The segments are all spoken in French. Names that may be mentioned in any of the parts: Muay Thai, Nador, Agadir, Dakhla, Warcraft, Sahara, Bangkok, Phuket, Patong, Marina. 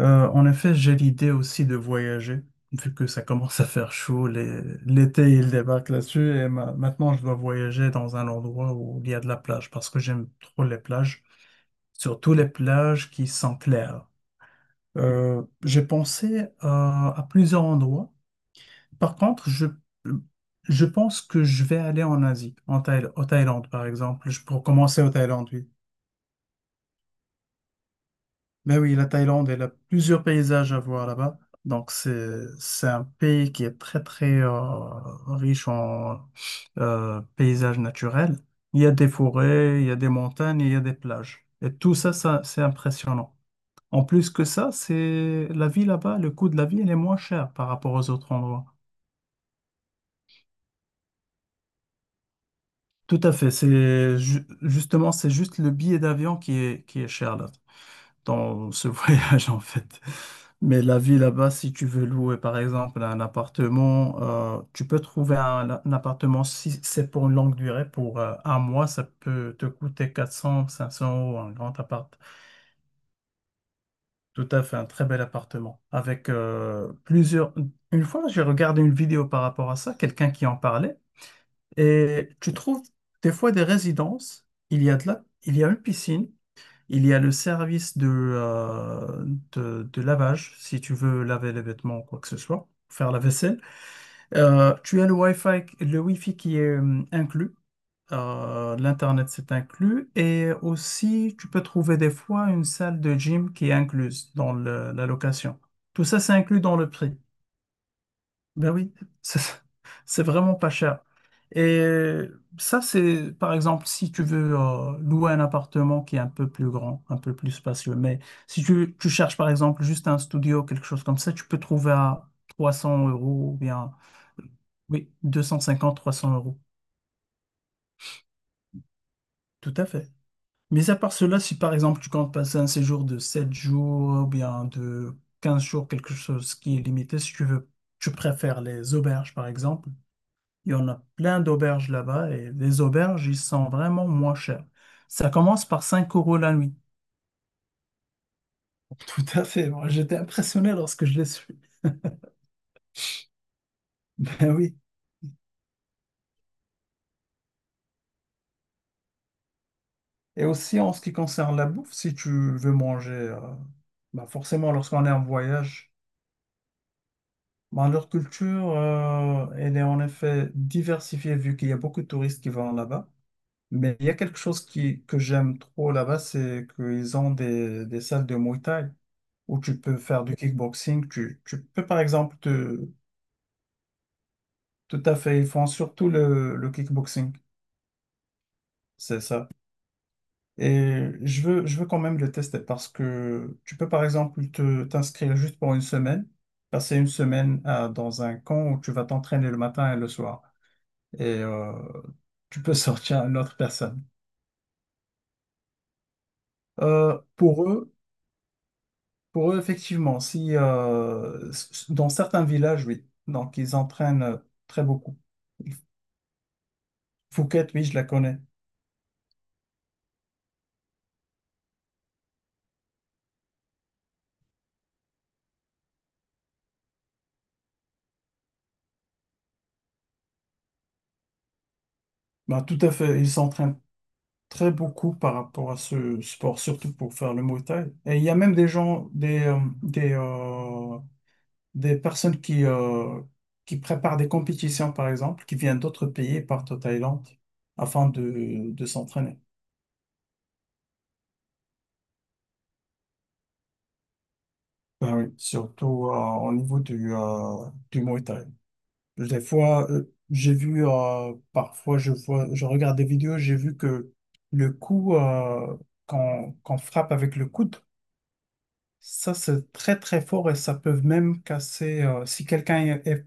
En effet, j'ai l'idée aussi de voyager, vu que ça commence à faire chaud, l'été il débarque là-dessus, et maintenant je dois voyager dans un endroit où il y a de la plage, parce que j'aime trop les plages, surtout les plages qui sont claires. J'ai pensé à plusieurs endroits. Par contre, je pense que je vais aller en Asie, au Thaïlande par exemple. Pour commencer au Thaïlande, oui. Mais oui, la Thaïlande, elle a plusieurs paysages à voir là-bas. Donc, c'est un pays qui est très, très riche en paysages naturels. Il y a des forêts, il y a des montagnes, il y a des plages. Et tout ça, ça, c'est impressionnant. En plus que ça, c'est la vie là-bas, le coût de la vie, elle est moins chère par rapport aux autres endroits. Tout à fait. C'est justement, c'est juste le billet d'avion qui est cher là, dans ce voyage en fait. Mais la vie là-bas, si tu veux louer par exemple un appartement, tu peux trouver un appartement si c'est pour une longue durée, pour un mois, ça peut te coûter 400, cinq cents euros, un grand appart. Tout à fait, un très bel appartement. Avec plusieurs. Une fois, j'ai regardé une vidéo par rapport à ça, quelqu'un qui en parlait, et tu trouves des fois des résidences, il y a il y a une piscine. Il y a le service de lavage, si tu veux laver les vêtements ou quoi que ce soit, faire la vaisselle. Tu as le Wi-Fi qui est inclus. L'Internet, c'est inclus. Et aussi, tu peux trouver des fois une salle de gym qui est incluse dans la location. Tout ça, c'est inclus dans le prix. Ben oui, c'est c'est vraiment pas cher. Et ça, c'est par exemple si tu veux louer un appartement qui est un peu plus grand, un peu plus spacieux. Mais si tu cherches par exemple juste un studio, quelque chose comme ça, tu peux trouver à 300 € ou bien oui, 250, 300 euros. Tout à fait. Mais à part cela, si par exemple tu comptes passer un séjour de 7 jours ou bien de 15 jours, quelque chose qui est limité, si tu veux, tu préfères les auberges par exemple. Il y en a plein d'auberges là-bas et les auberges, ils sont vraiment moins chers. Ça commence par 5 € la nuit. Tout à fait. Moi, j'étais impressionné lorsque je les suis. Ben oui. Et aussi, en ce qui concerne la bouffe, si tu veux manger, bah forcément, lorsqu'on est en voyage, bah, leur culture, elle est en effet diversifiée vu qu'il y a beaucoup de touristes qui vont là-bas. Mais il y a quelque chose que j'aime trop là-bas, c'est qu'ils ont des salles de Muay Thai où tu peux faire du kickboxing. Tu peux, par exemple, tout à fait, ils font surtout le kickboxing. C'est ça. Et je veux quand même le tester parce que tu peux, par exemple, t'inscrire juste pour une semaine, passer une semaine dans un camp où tu vas t'entraîner le matin et le soir. Et tu peux sortir à une autre personne. Euh, pour eux, Pour eux, effectivement, si dans certains villages, oui. Donc, ils entraînent très beaucoup. Fouquet, oui, je la connais. Bah, tout à fait. Ils s'entraînent très beaucoup par rapport à ce sport, surtout pour faire le Muay Thai. Et il y a même des personnes qui préparent des compétitions, par exemple, qui viennent d'autres pays, partent au Thaïlande afin de s'entraîner. Ben oui, surtout au niveau du Muay Thai. Des fois, parfois, je regarde des vidéos, j'ai vu que le coup qu'on frappe avec le coude, ça, c'est très, très fort et ça peut même casser, si quelqu'un est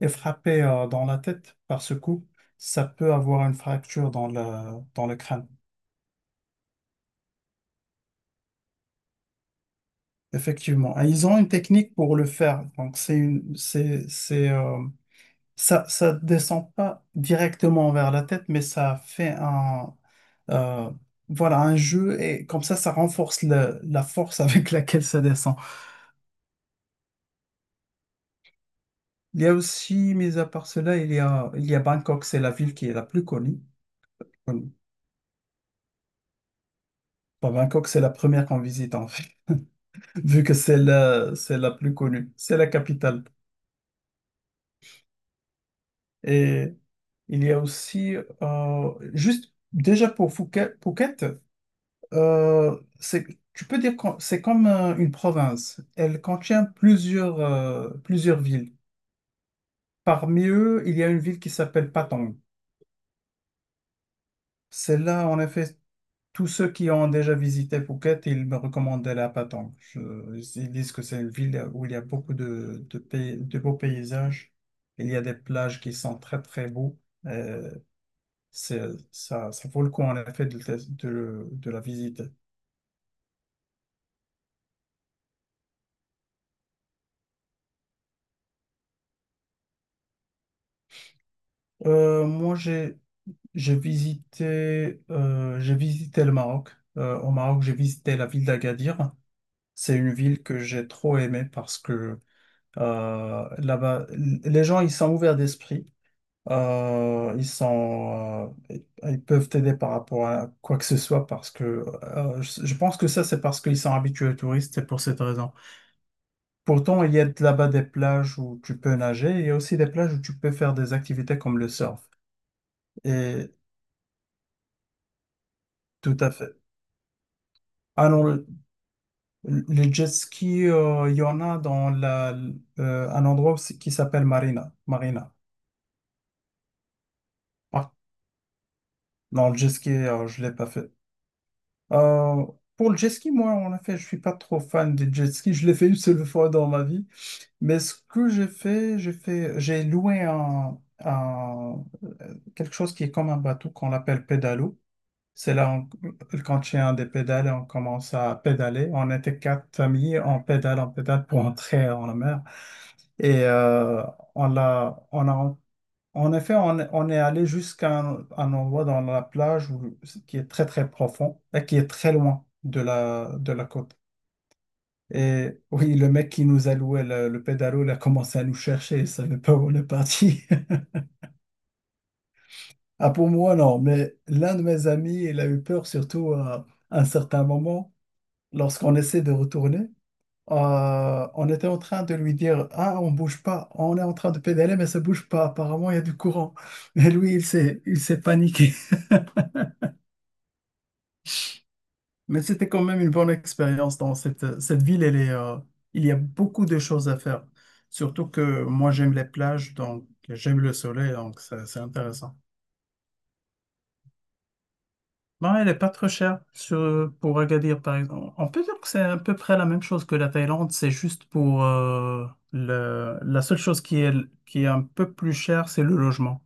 est frappé dans la tête par ce coup, ça peut avoir une fracture dans le crâne. Effectivement. Et ils ont une technique pour le faire. Donc, c'est une, c'est, ça, ça descend pas directement vers la tête, mais ça fait euh, voilà, un jeu et comme ça renforce la force avec laquelle ça descend. Il y a aussi, mis à part cela, il y a Bangkok, c'est la ville qui est la plus connue. Connue. Bon, Bangkok, c'est la première qu'on visite, en fait, vu que c'est la plus connue, c'est la capitale. Et il y a aussi, juste déjà pour Phuket, euh, c'est, tu peux dire que c'est comme une province. Elle contient plusieurs villes. Parmi eux, il y a une ville qui s'appelle Patong. Celle-là, en effet, tous ceux qui ont déjà visité Phuket, ils me recommandaient la Patong. Ils disent que c'est une ville où il y a beaucoup de beaux paysages. Il y a des plages qui sont très, très beaux. Euh, c'est, Ça, ça vaut le coup, en effet, de la visiter. Moi, j'ai visité le Maroc. Au Maroc, j'ai visité la ville d'Agadir. C'est une ville que j'ai trop aimée parce que là-bas, les gens, ils sont ouverts d'esprit. Euh, ils sont, euh, Ils peuvent t'aider par rapport à quoi que ce soit parce que je pense que ça, c'est parce qu'ils sont habitués aux touristes, c'est pour cette raison. Pourtant, il y a là-bas des plages où tu peux nager, il y a aussi des plages où tu peux faire des activités comme le surf. Et tout à fait. Ah non, le jet ski, il y en a dans un endroit aussi qui s'appelle Marina. Marina. Ah, non, le jet ski, je ne l'ai pas fait. Euh, pour le jet ski, moi, on en fait. Je suis pas trop fan des jet ski. Je l'ai fait une seule fois dans ma vie. Mais ce que j'ai loué quelque chose qui est comme un bateau qu'on l'appelle pédalo. C'est là, quand il y a un des pédales, on commence à pédaler. On était quatre familles, on pédale pour entrer dans la mer. Et on a en effet, on est allé jusqu'à un endroit dans la plage qui est très très profond et qui est très loin de la côte. Et oui, le mec qui nous a loué le pédalo, il a commencé à nous chercher, il savait pas où on est parti. Ah, pour moi, non, mais l'un de mes amis, il a eu peur surtout à un certain moment, lorsqu'on essaie de retourner. On était en train de lui dire: Ah, on bouge pas, on est en train de pédaler, mais ça bouge pas, apparemment il y a du courant. Mais lui, il s'est paniqué. Mais c'était quand même une bonne expérience dans cette ville. Il y a beaucoup de choses à faire. Surtout que moi, j'aime les plages, donc j'aime le soleil, donc c'est intéressant. Non, elle n'est pas trop chère pour Agadir, par exemple. On peut dire que c'est à peu près la même chose que la Thaïlande. C'est juste pour la seule chose qui est un peu plus chère, c'est le logement.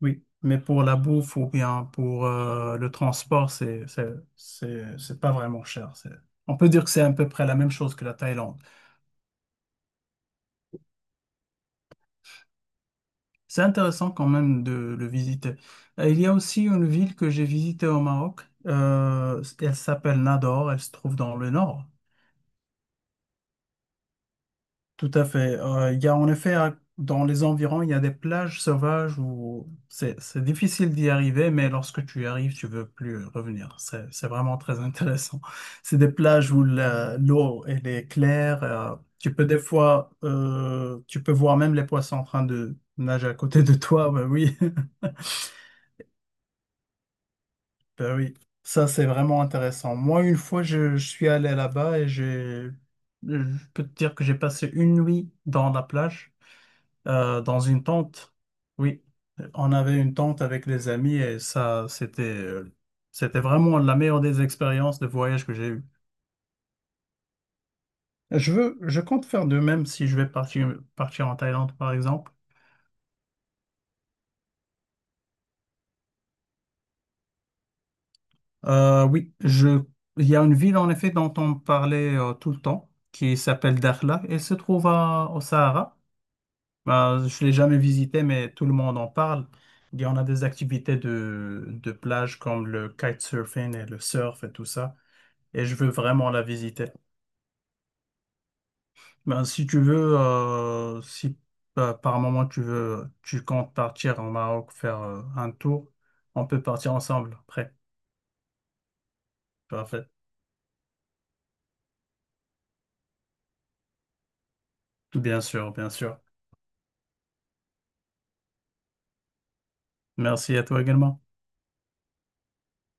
Oui, mais pour la bouffe ou bien pour le transport, c'est pas vraiment cher. On peut dire que c'est à peu près la même chose que la Thaïlande. C'est intéressant quand même de le visiter. Il y a aussi une ville que j'ai visitée au Maroc. Elle s'appelle Nador. Elle se trouve dans le nord. Tout à fait. Il y a en effet, dans les environs, il y a des plages sauvages où c'est difficile d'y arriver, mais lorsque tu y arrives, tu veux plus revenir. C'est vraiment très intéressant. C'est des plages où l'eau, elle est claire. Tu peux des fois, tu peux voir même les poissons en train de nager à côté de toi. Ben oui, ben oui. Ça, c'est vraiment intéressant. Moi, une fois, je suis allé là-bas je peux te dire que j'ai passé une nuit dans la plage, dans une tente. Oui, on avait une tente avec les amis et ça, c'était vraiment la meilleure des expériences de voyage que j'ai eues. Je compte faire de même si je vais partir en Thaïlande, par exemple. Oui, il y a une ville, en effet, dont on parlait tout le temps, qui s'appelle Dakhla et se trouve au Sahara. Ben, je ne l'ai jamais visitée, mais tout le monde en parle. Il y en a des activités de plage comme le kitesurfing et le surf et tout ça. Et je veux vraiment la visiter. Ben, si tu veux, si par moment tu comptes partir au Maroc faire un tour, on peut partir ensemble après. Parfait. Bien sûr, bien sûr. Merci à toi également.